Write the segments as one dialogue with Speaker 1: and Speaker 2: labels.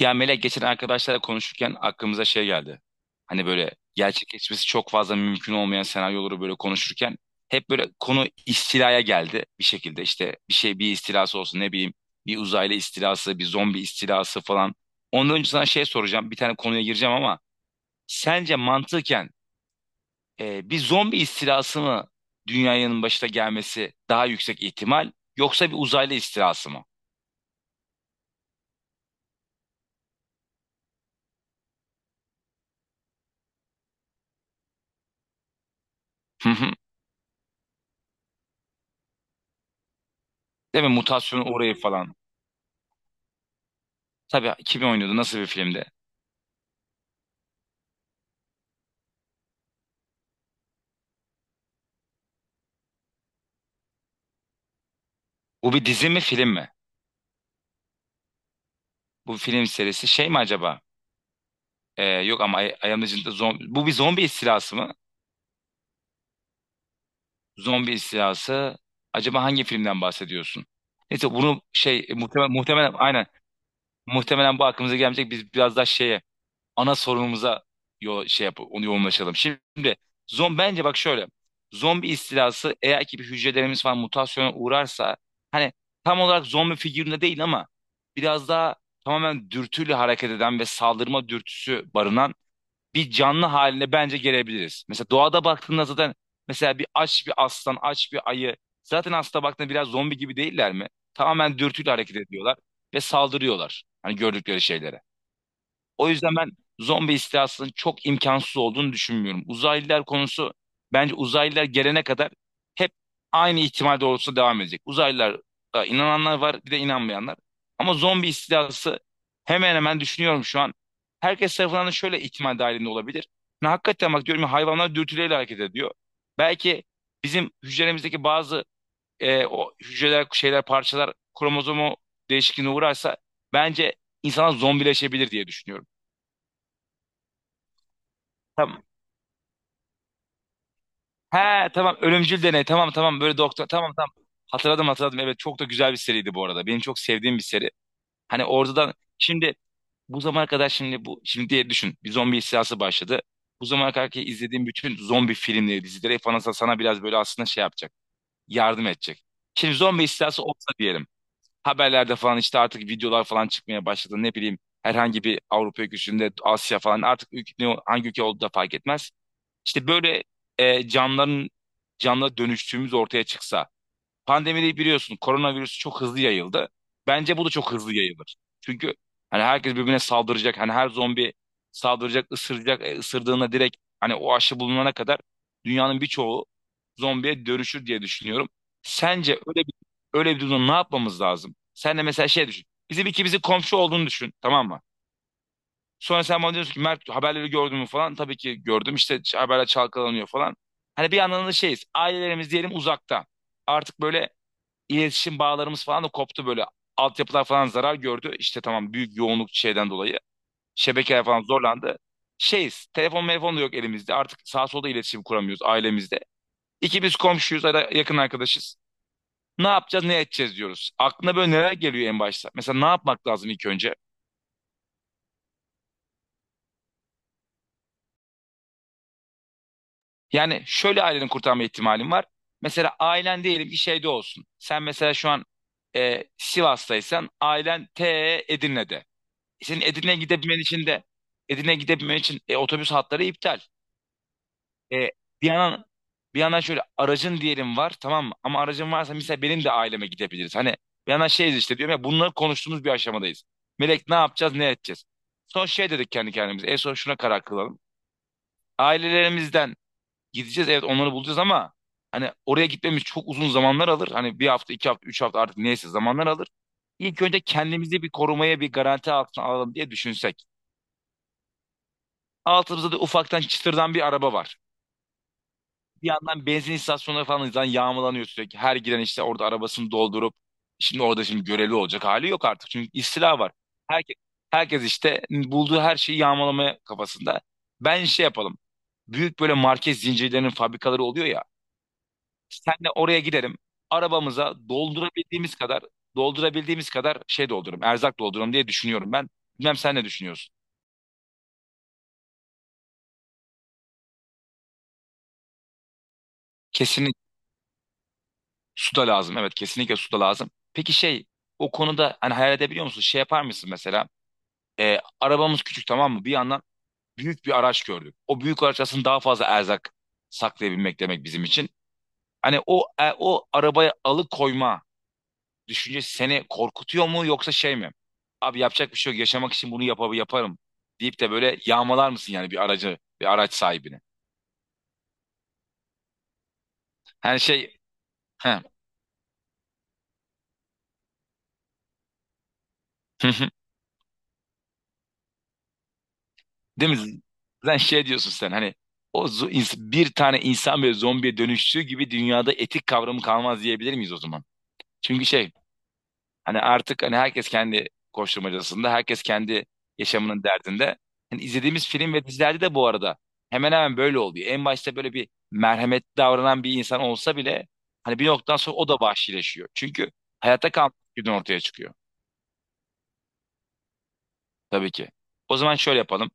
Speaker 1: Ya Melek, geçen arkadaşlarla konuşurken aklımıza şey geldi. Hani böyle gerçekleşmesi çok fazla mümkün olmayan senaryoları böyle konuşurken hep böyle konu istilaya geldi bir şekilde. İşte bir şey, bir istilası olsun, ne bileyim, bir uzaylı istilası, bir zombi istilası falan. Ondan önce sana şey soracağım. Bir tane konuya gireceğim ama sence mantıken bir zombi istilası mı dünyanın başına gelmesi daha yüksek ihtimal, yoksa bir uzaylı istilası mı? Hı hı. Değil mi? Mutasyonu orayı falan. Tabii, kim oynuyordu? Nasıl bir filmdi? Bu bir dizi mi, film mi? Bu film serisi şey mi acaba? Yok ama Ay Ayağımın Ucunda Zombi. Bu bir zombi istilası mı? Zombi istilası. Acaba hangi filmden bahsediyorsun? Neyse bunu şey muhtemelen aynen. Muhtemelen bu aklımıza gelmeyecek. Biz biraz daha şeye, ana sorunumuza, yo şey yap, onu yoğunlaşalım. Şimdi bence bak şöyle. Zombi istilası, eğer ki bir hücrelerimiz falan mutasyona uğrarsa, hani tam olarak zombi figüründe değil ama biraz daha tamamen dürtüyle hareket eden ve saldırma dürtüsü barınan bir canlı haline bence gelebiliriz. Mesela doğada baktığında zaten mesela bir aç bir aslan, aç bir ayı zaten, aslında baktığında biraz zombi gibi değiller mi? Tamamen dürtüyle hareket ediyorlar ve saldırıyorlar. Hani gördükleri şeylere. O yüzden ben zombi istilasının çok imkansız olduğunu düşünmüyorum. Uzaylılar konusu bence uzaylılar gelene kadar hep aynı ihtimal doğrultusunda devam edecek. Uzaylılara inananlar var, bir de inanmayanlar. Ama zombi istilası hemen hemen düşünüyorum şu an. Herkes tarafından da şöyle ihtimal dahilinde olabilir. Ne hakikaten, bak, diyorum ya, hayvanlar dürtüleyle hareket ediyor. Belki bizim hücremizdeki bazı o hücreler, şeyler, parçalar kromozomu değişikliğine uğrarsa bence insana zombileşebilir diye düşünüyorum. Tamam. He tamam, ölümcül deney, tamam tamam, böyle doktor, tamam tamam. Hatırladım hatırladım, evet, çok da güzel bir seriydi bu arada. Benim çok sevdiğim bir seri. Hani oradan şimdi bu zamana kadar, şimdi bu şimdi diye düşün, bir zombi istilası başladı. Bu zamana kadar ki izlediğim bütün zombi filmleri, dizileri falan sana biraz böyle aslında şey yapacak, yardım edecek. Şimdi zombi istilası olsa diyelim, haberlerde falan işte artık videolar falan çıkmaya başladı, ne bileyim, herhangi bir Avrupa ülkesinde, Asya falan, artık ülke, hangi ülke olduğu da fark etmez. İşte böyle canların, canlı dönüştüğümüz ortaya çıksa. Pandemide biliyorsun, koronavirüs çok hızlı yayıldı. Bence bu da çok hızlı yayılır. Çünkü hani herkes birbirine saldıracak. Hani her zombi saldıracak, ısıracak. Isırdığında direkt, hani o aşı bulunana kadar dünyanın birçoğu zombiye dönüşür diye düşünüyorum. Sence öyle bir durumda ne yapmamız lazım? Sen de mesela şey düşün. Bizim ikimizin komşu olduğunu düşün, tamam mı? Sonra sen bana diyorsun ki, Mert, haberleri gördün mü falan. Tabii ki gördüm. İşte haberler çalkalanıyor falan. Hani bir yandan da şeyiz. Ailelerimiz diyelim uzakta. Artık böyle iletişim bağlarımız falan da koptu böyle. Altyapılar falan zarar gördü. İşte tamam, büyük yoğunluk şeyden dolayı. Şebekeler falan zorlandı. Şeyiz. Telefon da yok elimizde. Artık sağ solda iletişim kuramıyoruz ailemizde. İki biz komşuyuz ya da yakın arkadaşız. Ne yapacağız, ne edeceğiz diyoruz. Aklına böyle neler geliyor en başta? Mesela ne yapmak lazım ilk önce? Yani şöyle, aileni kurtarma ihtimalin var. Mesela ailen diyelim ki şeyde olsun. Sen mesela şu an Sivas'taysan, ailen Edirne'de. Senin Edirne'ye gidebilmen için de Edirne'ye gidebilmen için otobüs hatları iptal. E, bir yandan bir yandan şöyle, aracın diyelim var, tamam mı? Ama aracın varsa mesela benim de aileme gidebiliriz. Hani bir yandan şeyiz işte, diyorum ya, bunları konuştuğumuz bir aşamadayız. Melek, ne yapacağız, ne edeceğiz? Son şey dedik kendi kendimize. En son şuna karar kılalım. Ailelerimizden gideceğiz, evet, onları bulacağız ama hani oraya gitmemiz çok uzun zamanlar alır. Hani bir hafta, iki hafta, üç hafta, artık neyse, zamanlar alır. İlk önce kendimizi bir korumaya, bir garanti altına alalım diye düşünsek. Altımızda da ufaktan çıtırdan bir araba var. Bir yandan benzin istasyonları falan zaten yağmalanıyor sürekli. Her giren işte orada arabasını doldurup, şimdi orada şimdi görevli olacak hali yok artık. Çünkü istila var. Herkes, herkes işte bulduğu her şeyi yağmalamaya kafasında. Ben şey yapalım. Büyük böyle market zincirlerinin fabrikaları oluyor ya. Senle oraya giderim. Arabamıza doldurabildiğimiz kadar şey doldururum. Erzak doldururum diye düşünüyorum ben. Bilmem sen ne düşünüyorsun? Kesinlikle su da lazım. Evet, kesinlikle su da lazım. Peki şey, o konuda hani hayal edebiliyor musun? Şey yapar mısın mesela? Arabamız küçük, tamam mı? Bir yandan büyük bir araç gördük. O büyük araç aslında daha fazla erzak saklayabilmek demek bizim için. Hani o arabaya alıkoyma düşüncesi seni korkutuyor mu, yoksa şey mi? Abi yapacak bir şey yok, yaşamak için bunu yaparım deyip de böyle yağmalar mısın yani bir aracı, bir araç sahibini? Hani şey, he, değil mi? Sen şey diyorsun, sen hani bir tane insan böyle zombiye dönüştüğü gibi dünyada etik kavramı kalmaz diyebilir miyiz o zaman? Çünkü şey. Hani artık hani herkes kendi koşturmacasında, herkes kendi yaşamının derdinde. Hani izlediğimiz film ve dizilerde de bu arada hemen hemen böyle oluyor. En başta böyle bir merhametli davranan bir insan olsa bile hani bir noktadan sonra o da vahşileşiyor. Çünkü hayatta kalmak günü ortaya çıkıyor, tabii ki. O zaman şöyle yapalım.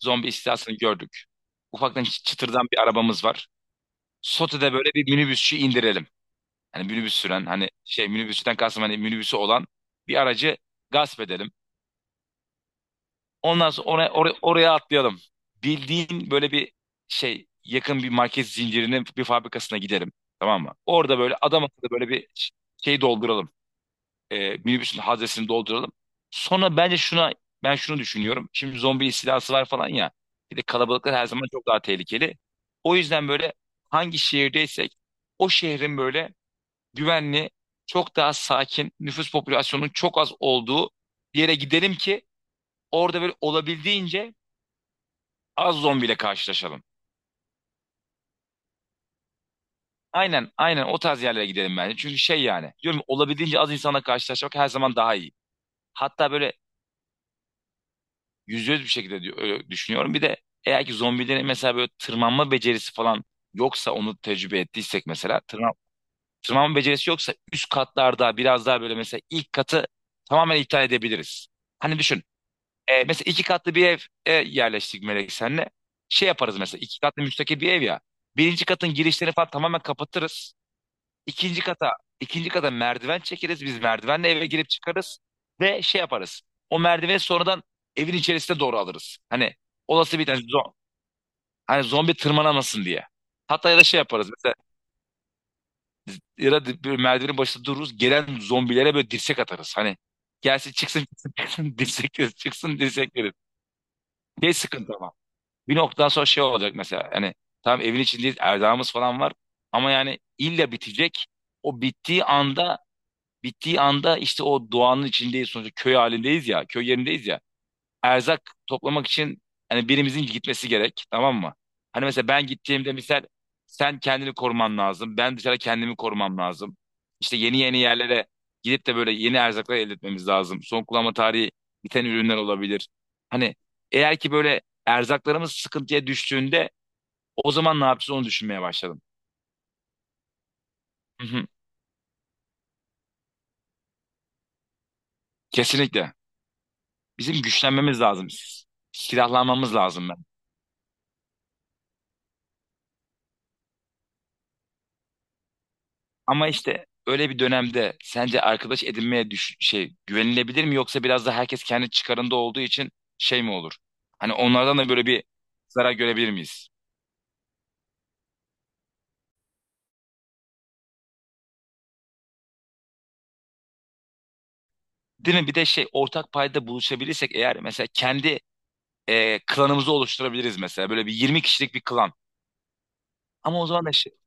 Speaker 1: Zombi istilasını gördük. Ufaktan çıtırdan bir arabamız var. Sote'de böyle bir minibüsçü indirelim. Hani minibüs süren, hani şey, minibüsçüden kastım hani minibüsü olan bir aracı gasp edelim. Ondan sonra oraya, oraya, oraya atlayalım. Bildiğin böyle bir şey, yakın bir market zincirinin bir fabrikasına gidelim. Tamam mı? Orada böyle adam akıllı böyle bir şey dolduralım. Minibüsün haznesini dolduralım. Sonra bence şuna, ben şunu düşünüyorum. Şimdi zombi istilası var falan ya. Bir de kalabalıklar her zaman çok daha tehlikeli. O yüzden böyle hangi şehirdeysek o şehrin böyle güvenli, çok daha sakin, nüfus popülasyonunun çok az olduğu bir yere gidelim ki orada böyle olabildiğince az zombiyle karşılaşalım. Aynen aynen, o tarz yerlere gidelim bence. Çünkü şey, yani diyorum ya, olabildiğince az insanla karşılaşmak her zaman daha iyi. Hatta böyle %100 bir şekilde öyle düşünüyorum. Bir de eğer ki zombilerin mesela böyle tırmanma becerisi falan yoksa, onu tecrübe ettiysek mesela, tırmanma becerisi yoksa üst katlarda biraz daha böyle, mesela ilk katı tamamen iptal edebiliriz. Hani düşün, mesela iki katlı bir ev, yerleştik Melek senle, şey yaparız mesela, iki katlı müstakil bir ev ya, birinci katın girişlerini falan tamamen kapatırız. İkinci kata, ikinci kata merdiven çekeriz. Biz merdivenle eve girip çıkarız ve şey yaparız. O merdiveni sonradan evin içerisine doğru alırız. Hani olası bir tane hani zombi tırmanamasın diye. Hatta ya da şey yaparız mesela, ya da bir merdivenin başında dururuz. Gelen zombilere böyle dirsek atarız. Hani gelsin, çıksın çıksın çıksın dirsek veririz, çıksın dirsek veririz. Ne sıkıntı ama. Bir noktadan sonra şey olacak mesela. Hani tamam, evin içindeyiz, erdağımız falan var. Ama yani illa bitecek. O bittiği anda Bittiği anda işte o doğanın içindeyiz, sonuçta köy halindeyiz ya, köy yerindeyiz ya. Erzak toplamak için hani birimizin gitmesi gerek, tamam mı? Hani mesela ben gittiğimde misal, sen kendini koruman lazım. Ben dışarı kendimi korumam lazım. İşte yeni yeni yerlere gidip de böyle yeni erzaklar elde etmemiz lazım. Son kullanma tarihi biten ürünler olabilir. Hani eğer ki böyle erzaklarımız sıkıntıya düştüğünde o zaman ne yapacağız onu düşünmeye başladım. Hı hı. Kesinlikle. Bizim güçlenmemiz lazım. Silahlanmamız lazım. Ama işte öyle bir dönemde sence arkadaş edinmeye şey, güvenilebilir mi, yoksa biraz da herkes kendi çıkarında olduğu için şey mi olur? Hani onlardan da böyle bir zarar görebilir miyiz? Değil mi? Bir de şey, ortak payda buluşabilirsek eğer, mesela kendi klanımızı oluşturabiliriz, mesela böyle bir 20 kişilik bir klan. Ama o zaman da şey,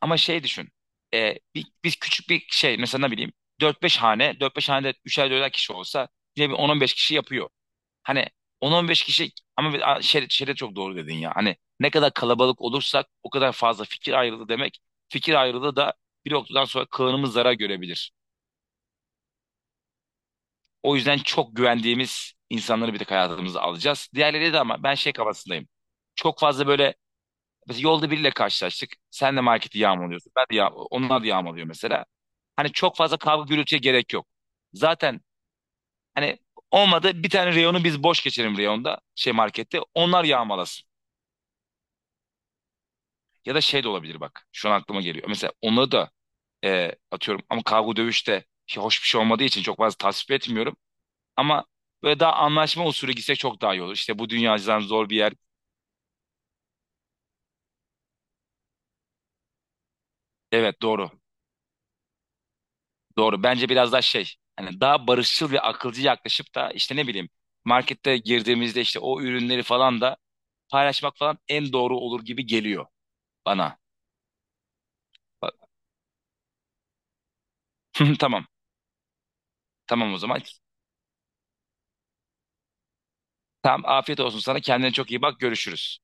Speaker 1: ama şey düşün. Biz küçük bir şey mesela, ne bileyim, 4-5 hanede 3'er 4'er kişi olsa yine bir 10-15 kişi yapıyor. Hani 10-15 kişi ama şere çok doğru dedin ya. Hani ne kadar kalabalık olursak o kadar fazla fikir ayrılığı demek. Fikir ayrılığı da bir noktadan sonra kılınımız zarar görebilir. O yüzden çok güvendiğimiz insanları bir tek hayatımıza alacağız. Diğerleri de, ama ben şey kafasındayım. Çok fazla böyle, mesela yolda biriyle karşılaştık. Sen de marketi yağmalıyorsun. Ben de onlar da yağmalıyor mesela. Hani çok fazla kavga gürültüye gerek yok. Zaten hani olmadı, bir tane reyonu biz boş geçelim, reyonda şey, markette. Onlar yağmalasın. Ya da şey de olabilir bak. Şu an aklıma geliyor. Mesela onları da atıyorum ama, kavga dövüşte şey, hoş bir şey olmadığı için çok fazla tasvip etmiyorum. Ama böyle daha anlaşma usulü gitsek çok daha iyi olur. İşte bu dünya cidden zor bir yer. Evet doğru. Doğru. Bence biraz daha şey. Hani daha barışçıl ve akılcı yaklaşıp da işte ne bileyim, markette girdiğimizde işte o ürünleri falan da paylaşmak falan en doğru olur gibi geliyor bana. Bak- Tamam. Tamam o zaman. Tamam, afiyet olsun sana. Kendine çok iyi bak. Görüşürüz.